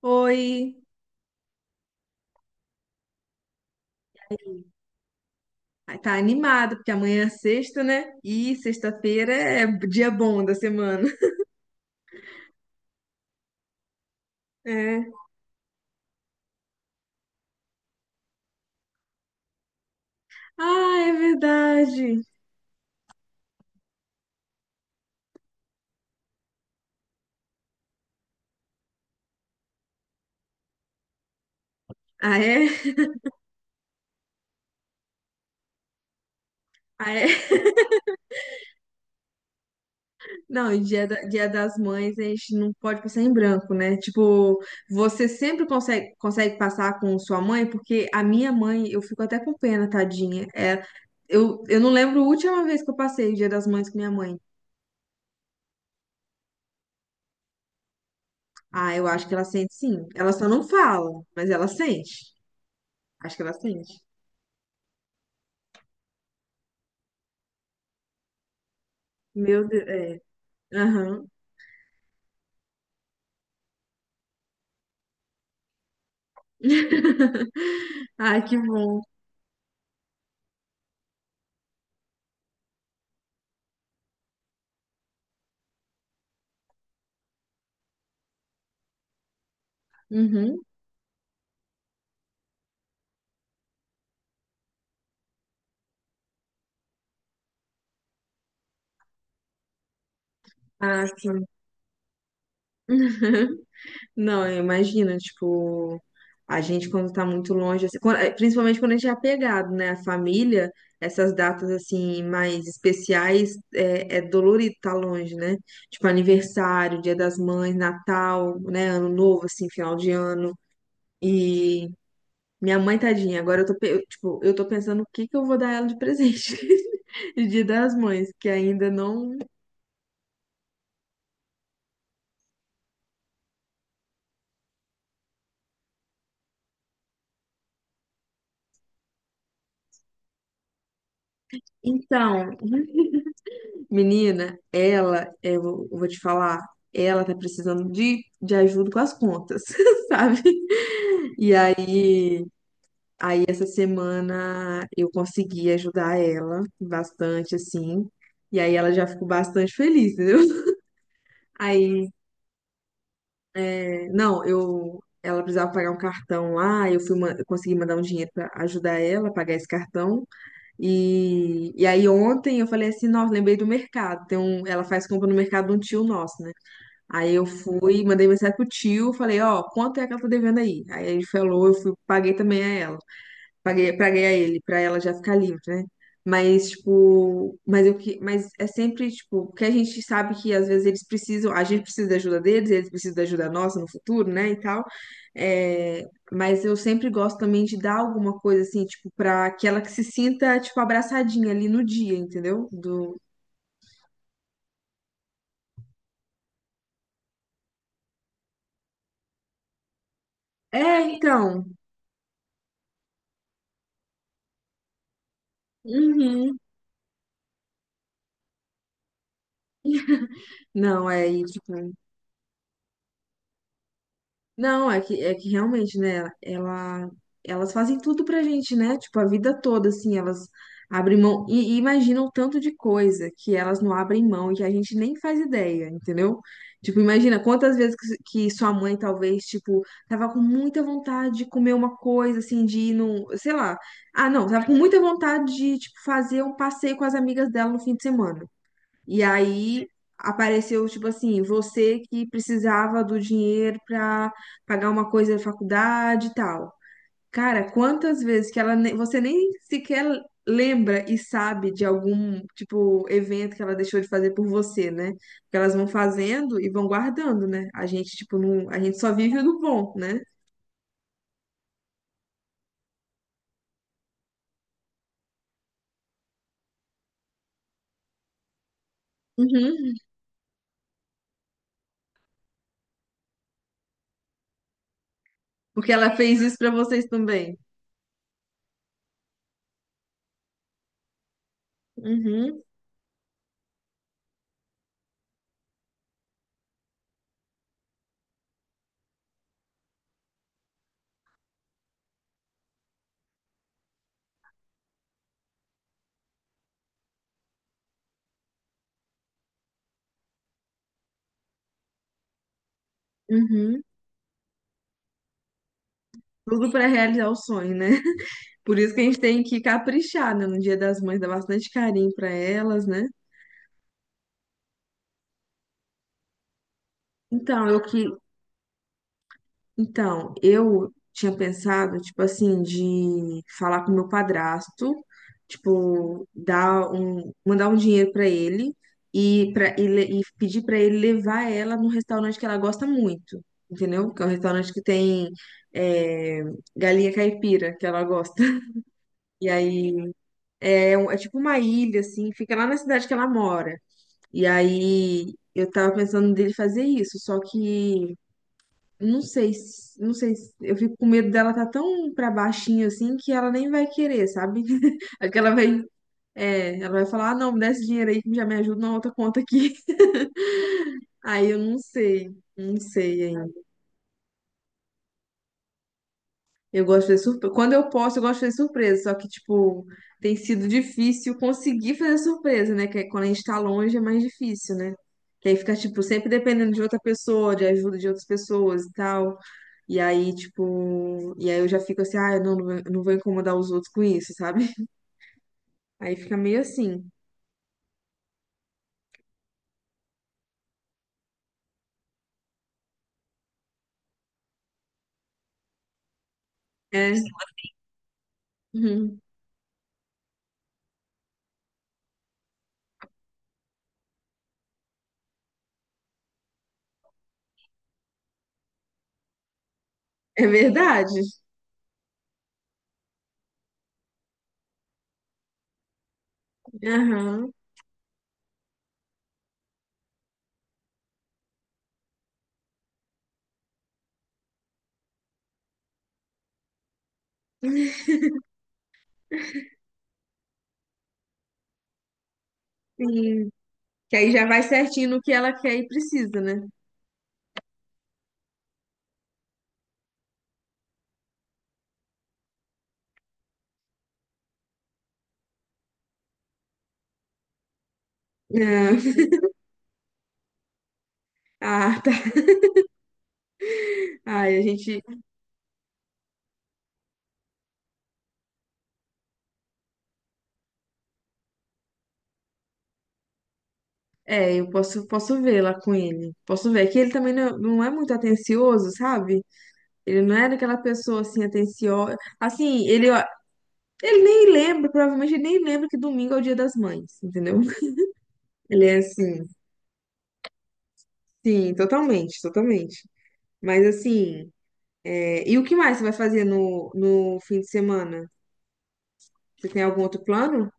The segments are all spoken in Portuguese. Oi, ai, tá animado, porque amanhã é sexta, né? E sexta-feira é dia bom da semana. É. Ah, é verdade. Ah, é? Ah, é? Não, e dia, dia das mães a gente não pode passar em branco, né? Tipo, você sempre consegue passar com sua mãe, porque a minha mãe, eu fico até com pena, tadinha. É, eu não lembro a última vez que eu passei o dia das mães com minha mãe. Ah, eu acho que ela sente sim. Ela só não fala, mas ela sente. Acho que ela sente. Meu Deus, é. Aham. Ai, que bom. Uhum. Ah, sim. Não, imagina, tipo, a gente quando tá muito longe, assim, principalmente quando a gente é apegado, né? A família, essas datas, assim, mais especiais, é dolorido tá longe, né? Tipo, aniversário, Dia das Mães, Natal, né? Ano Novo, assim, final de ano. E minha mãe, tadinha, agora eu tô, eu, tipo, eu tô pensando o que que eu vou dar ela de presente de Dia das Mães, que ainda não. Então, menina, ela, eu vou te falar, ela tá precisando de ajuda com as contas, sabe? E aí, aí essa semana eu consegui ajudar ela bastante, assim. E aí ela já ficou bastante feliz, entendeu? Aí, é, não, eu, ela precisava pagar um cartão lá, eu fui, eu consegui mandar um dinheiro pra ajudar ela a pagar esse cartão. E aí ontem eu falei assim, nossa, lembrei do mercado. Tem um, ela faz compra no mercado de um tio nosso, né? Aí eu fui, mandei mensagem pro tio, falei, ó, quanto é que ela tá devendo aí? Aí ele falou, eu fui, paguei também a ela. Paguei a ele, pra ela já ficar livre, né? Mas, tipo, mas eu que, mas é sempre, tipo, porque a gente sabe que às vezes eles precisam, a gente precisa da ajuda deles, eles precisam da ajuda nossa no futuro, né, e tal. É, mas eu sempre gosto também de dar alguma coisa assim, tipo, pra que ela que se sinta, tipo, abraçadinha ali no dia, entendeu? Do... É, então. Uhum. Não, é, e, tipo, não, é que realmente, né, ela, elas fazem tudo pra gente, né? Tipo, a vida toda, assim, elas abrem mão e imaginam tanto de coisa que elas não abrem mão e que a gente nem faz ideia, entendeu? Tipo, imagina quantas vezes que sua mãe, talvez, tipo, tava com muita vontade de comer uma coisa, assim, de ir num, sei lá. Ah, não, tava com muita vontade de, tipo, fazer um passeio com as amigas dela no fim de semana. E aí apareceu, tipo assim, você que precisava do dinheiro pra pagar uma coisa da faculdade e tal. Cara, quantas vezes que você nem sequer lembra e sabe de algum, tipo, evento que ela deixou de fazer por você, né? Porque elas vão fazendo e vão guardando, né? A gente, tipo, não, a gente só vive do bom, né? Uhum. Porque ela fez isso pra vocês também. Uhum, uhum. Tudo pra realizar o sonho, né? Por isso que a gente tem que caprichar, né? No Dia das Mães, dar bastante carinho pra elas, né? Então, eu que, então, eu tinha pensado, tipo assim, de falar com meu padrasto, tipo, dar um, mandar um dinheiro pra ele e pedir pra ele levar ela num restaurante que ela gosta muito, entendeu? Que é um restaurante que tem é, galinha caipira, que ela gosta. E aí é, é tipo uma ilha assim, fica lá na cidade que ela mora. E aí eu tava pensando dele fazer isso, só que não sei, eu fico com medo dela tá tão pra baixinho assim que ela nem vai querer, sabe? Acho que ela vai, é, ela vai falar, ah, não, me dá esse dinheiro aí que já me ajuda na outra conta aqui. Aí eu não sei, não sei. Eu gosto de fazer surpresa. Quando eu posso, eu gosto de fazer surpresa. Só que, tipo, tem sido difícil conseguir fazer surpresa, né? Que é quando a gente tá longe é mais difícil, né? Que aí fica, tipo, sempre dependendo de outra pessoa, de ajuda de outras pessoas e tal. E aí, tipo, e aí eu já fico assim, ah, eu não, não vou incomodar os outros com isso, sabe? Aí fica meio assim. É. Uhum. É verdade. Aham, sim. Que aí já vai certinho no que ela quer e precisa, né? Ah, ah, tá. Ai, a gente. É, eu posso, posso ver lá com ele. Posso ver. Que ele também não, não é muito atencioso, sabe? Ele não é daquela pessoa assim, atenciosa. Assim, ele, ó, ele nem lembra, provavelmente ele nem lembra que domingo é o dia das mães, entendeu? Ele é assim, sim, totalmente. Mas assim, é, e o que mais você vai fazer no, no fim de semana? Você tem algum outro plano?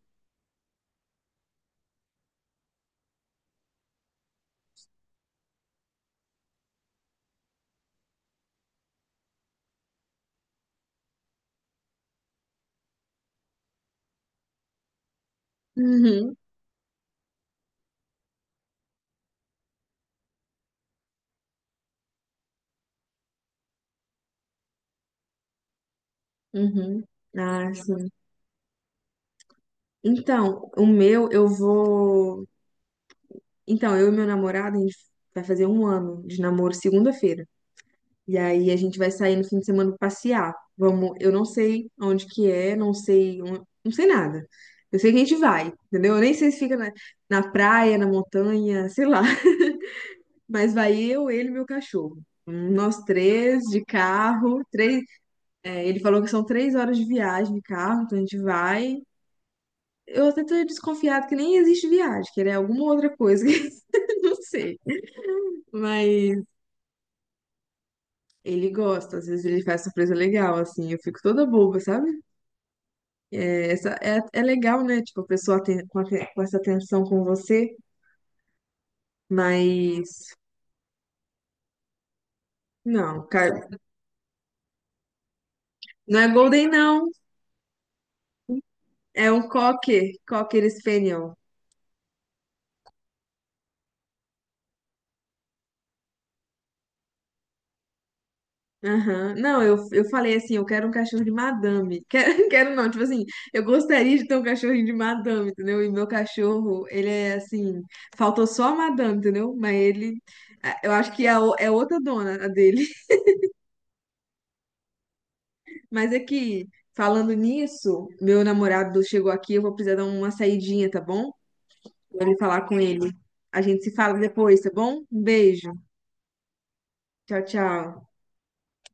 Uhum, uhum. Ah, sim. Então, o meu, eu vou. Então, eu e meu namorado, a gente vai fazer um ano de namoro segunda-feira. E aí a gente vai sair no fim de semana pra passear. Vamos, eu não sei onde que é, não sei, não sei nada. Eu sei que a gente vai, entendeu? Eu nem sei se fica na praia, na montanha, sei lá. Mas vai eu, ele e meu cachorro. Nós três de carro, três. É, ele falou que são 3 horas de viagem de carro, então a gente vai. Eu até tô desconfiado que nem existe viagem, que era alguma outra coisa, que eu não sei. Mas ele gosta, às vezes ele faz surpresa legal, assim, eu fico toda boba, sabe? É, essa é, é legal, né? Tipo, a pessoa tem, com essa atenção com você, mas não, cara, não é Golden, não. É um Cocker, Cocker Spaniel. Aham. Não, eu falei assim, eu quero um cachorro de madame. Quero, quero não, tipo assim, eu gostaria de ter um cachorrinho de madame, entendeu? E meu cachorro, ele é assim, faltou só a madame, entendeu? Mas ele, é, eu acho que é, é outra dona a dele. Mas é que, falando nisso, meu namorado chegou aqui, eu vou precisar dar uma saidinha, tá bom? Vou ali falar com ele. A gente se fala depois, tá bom? Um beijo. Tchau, tchau.